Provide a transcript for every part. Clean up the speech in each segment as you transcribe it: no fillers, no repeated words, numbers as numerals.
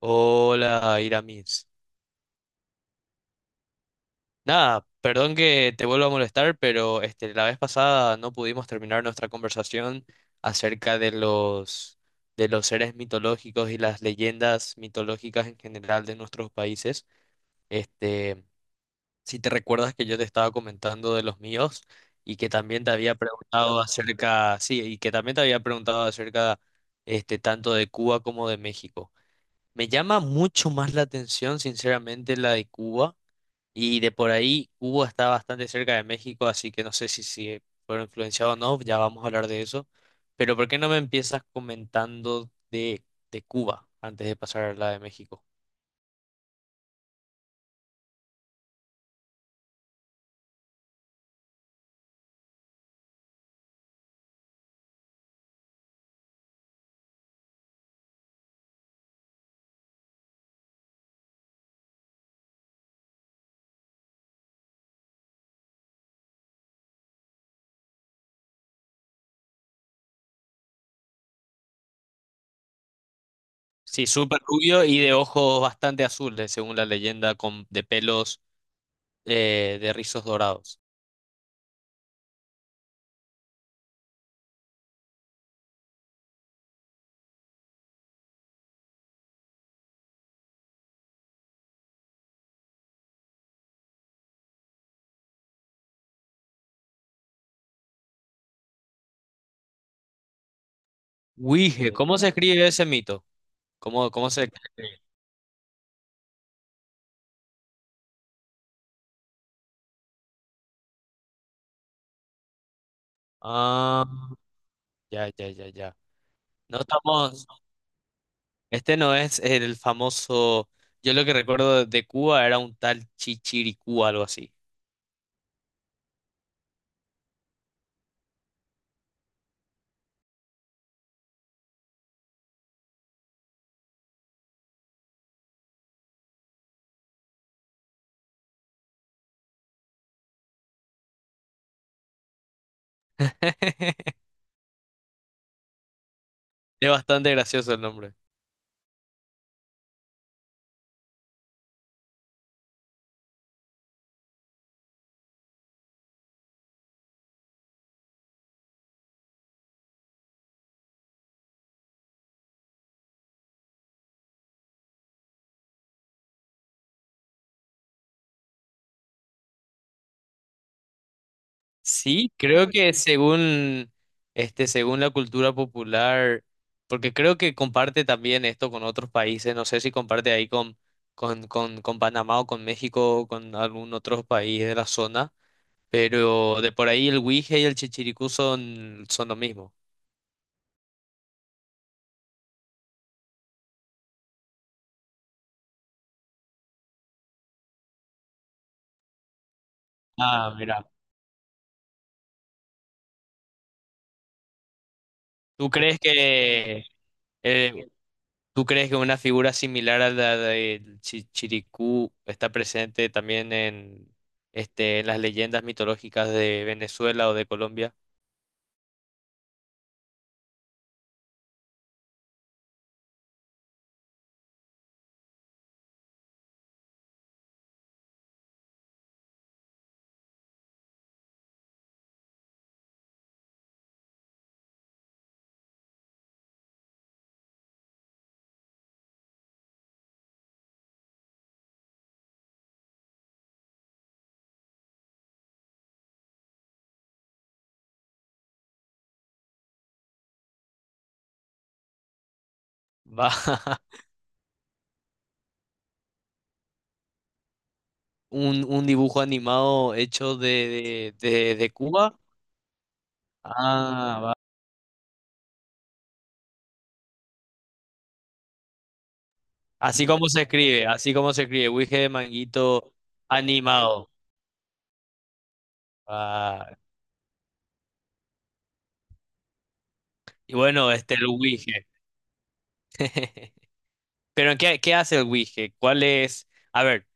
Hola, Iramis. Nada, perdón que te vuelva a molestar, pero la vez pasada no pudimos terminar nuestra conversación acerca de los seres mitológicos y las leyendas mitológicas en general de nuestros países. Este, si te recuerdas que yo te estaba comentando de los míos y que también te había preguntado y que también te había preguntado acerca tanto de Cuba como de México. Me llama mucho más la atención, sinceramente, la de Cuba. Y de por ahí, Cuba está bastante cerca de México, así que no sé si fueron influenciados o no, ya vamos a hablar de eso. Pero ¿por qué no me empiezas comentando de Cuba antes de pasar a la de México? Sí, súper rubio y de ojos bastante azules, según la leyenda, de pelos de rizos dorados. Huije, ¿cómo se escribe ese mito? ¿Cómo se escribe? Ah, ya, ya, ya, ya. No estamos. Este no es el famoso, yo lo que recuerdo de Cuba era un tal Chichiricú, algo así. Es bastante gracioso el nombre. Sí, creo que según la cultura popular, porque creo que comparte también esto con otros países, no sé si comparte ahí con Panamá o con México o con algún otro país de la zona, pero de por ahí el Huije y el Chichiricú son lo mismo. Ah, mira. ¿Tú crees que eh, ¿Tú crees que una figura similar a la de Chiricú está presente también en, en las leyendas mitológicas de Venezuela o de Colombia? Va. Un dibujo animado hecho de Cuba. Ah, va. Así como se escribe, así como se escribe, Wige de Manguito animado. Ah, y bueno, este el Wige. Pero ¿qué hace el Wige? ¿Cuál es? A ver.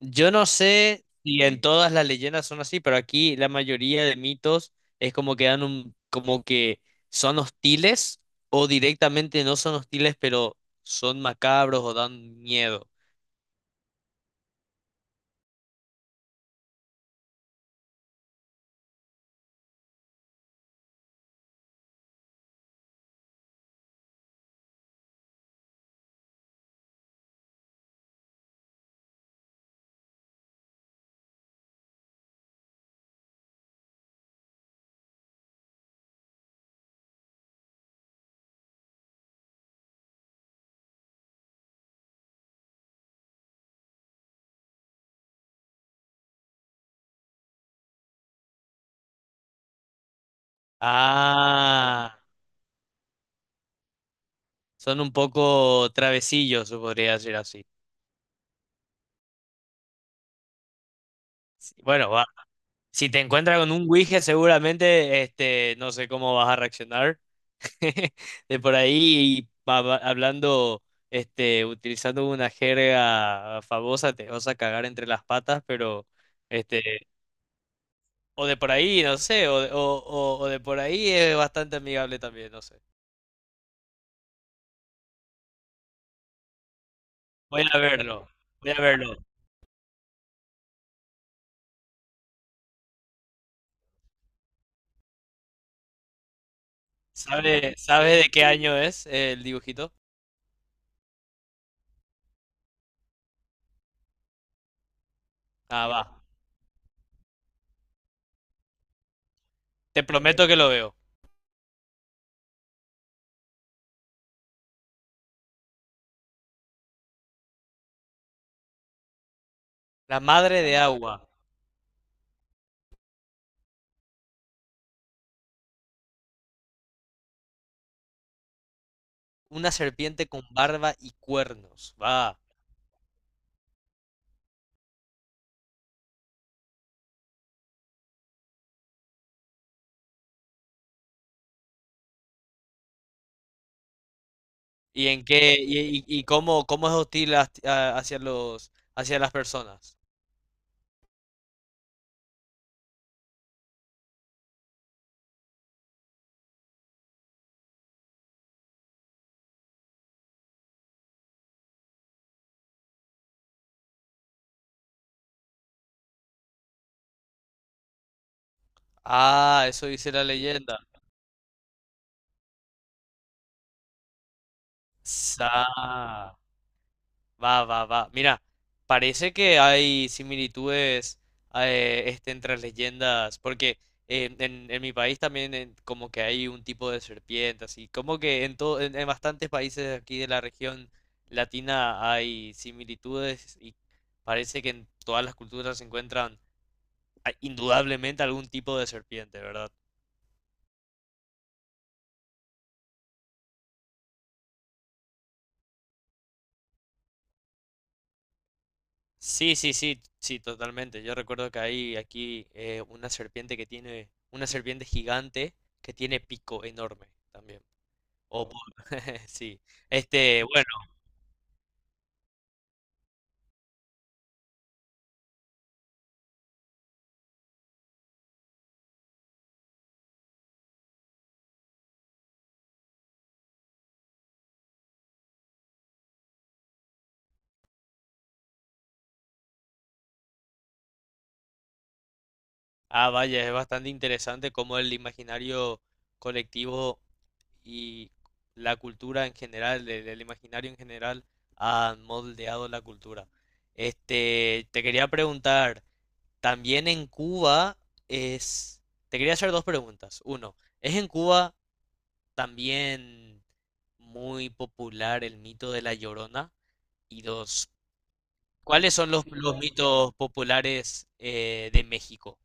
Yo no sé si en todas las leyendas son así, pero aquí la mayoría de mitos es como que son hostiles o directamente no son hostiles, pero son macabros o dan miedo. Ah, son un poco travesillos, se podría decir así. Sí, bueno, va. Si te encuentras con un Ouija, seguramente, no sé cómo vas a reaccionar, de por ahí hablando, utilizando una jerga famosa, te vas a cagar entre las patas, pero este, o de por ahí, no sé, o de por ahí es bastante amigable también, no sé. Voy a verlo, voy a verlo. ¿Sabe, sabe de qué año es el dibujito? Ah, va. Te prometo que lo veo. La madre de agua, una serpiente con barba y cuernos. Va. ¿Y en qué cómo es hostil hacia los hacia las personas? Ah, eso dice la leyenda. Sa- Va, va, va. Mira, parece que hay similitudes entre las leyendas, porque en mi país también como que hay un tipo de serpiente, así como que en bastantes países aquí de la región latina hay similitudes y parece que en todas las culturas se encuentran indudablemente algún tipo de serpiente, ¿verdad? Sí, sí, sí, sí, totalmente. Yo recuerdo que hay aquí una serpiente que tiene, una serpiente gigante que tiene pico enorme también. O por- sí. Este, bueno, ah, vaya, es bastante interesante cómo el imaginario colectivo y la cultura en general, el imaginario en general, ha moldeado la cultura. Este, te quería preguntar. También en Cuba es... Te quería hacer dos preguntas. Uno, ¿es en Cuba también muy popular el mito de la Llorona? Y dos, ¿cuáles son los mitos populares de México?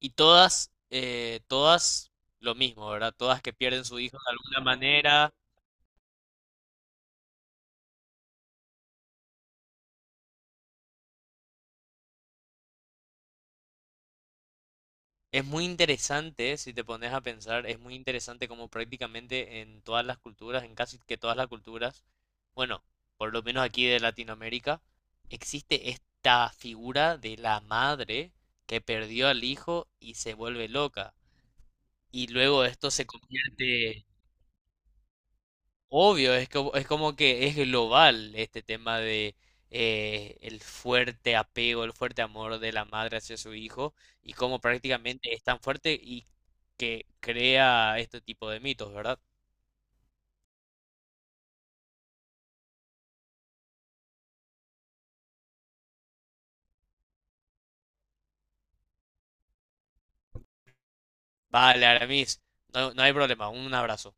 Y todas, todas lo mismo, ¿verdad? Todas que pierden su hijo de alguna manera. Es muy interesante, si te pones a pensar, es muy interesante como prácticamente en todas las culturas, en casi que todas las culturas, bueno, por lo menos aquí de Latinoamérica, existe esta figura de la madre que perdió al hijo y se vuelve loca. Y luego esto se convierte. Obvio, es como que es global este tema de el fuerte apego, el fuerte amor de la madre hacia su hijo y cómo prácticamente es tan fuerte y que crea este tipo de mitos, ¿verdad? Vale, Aramis, no hay problema, un abrazo.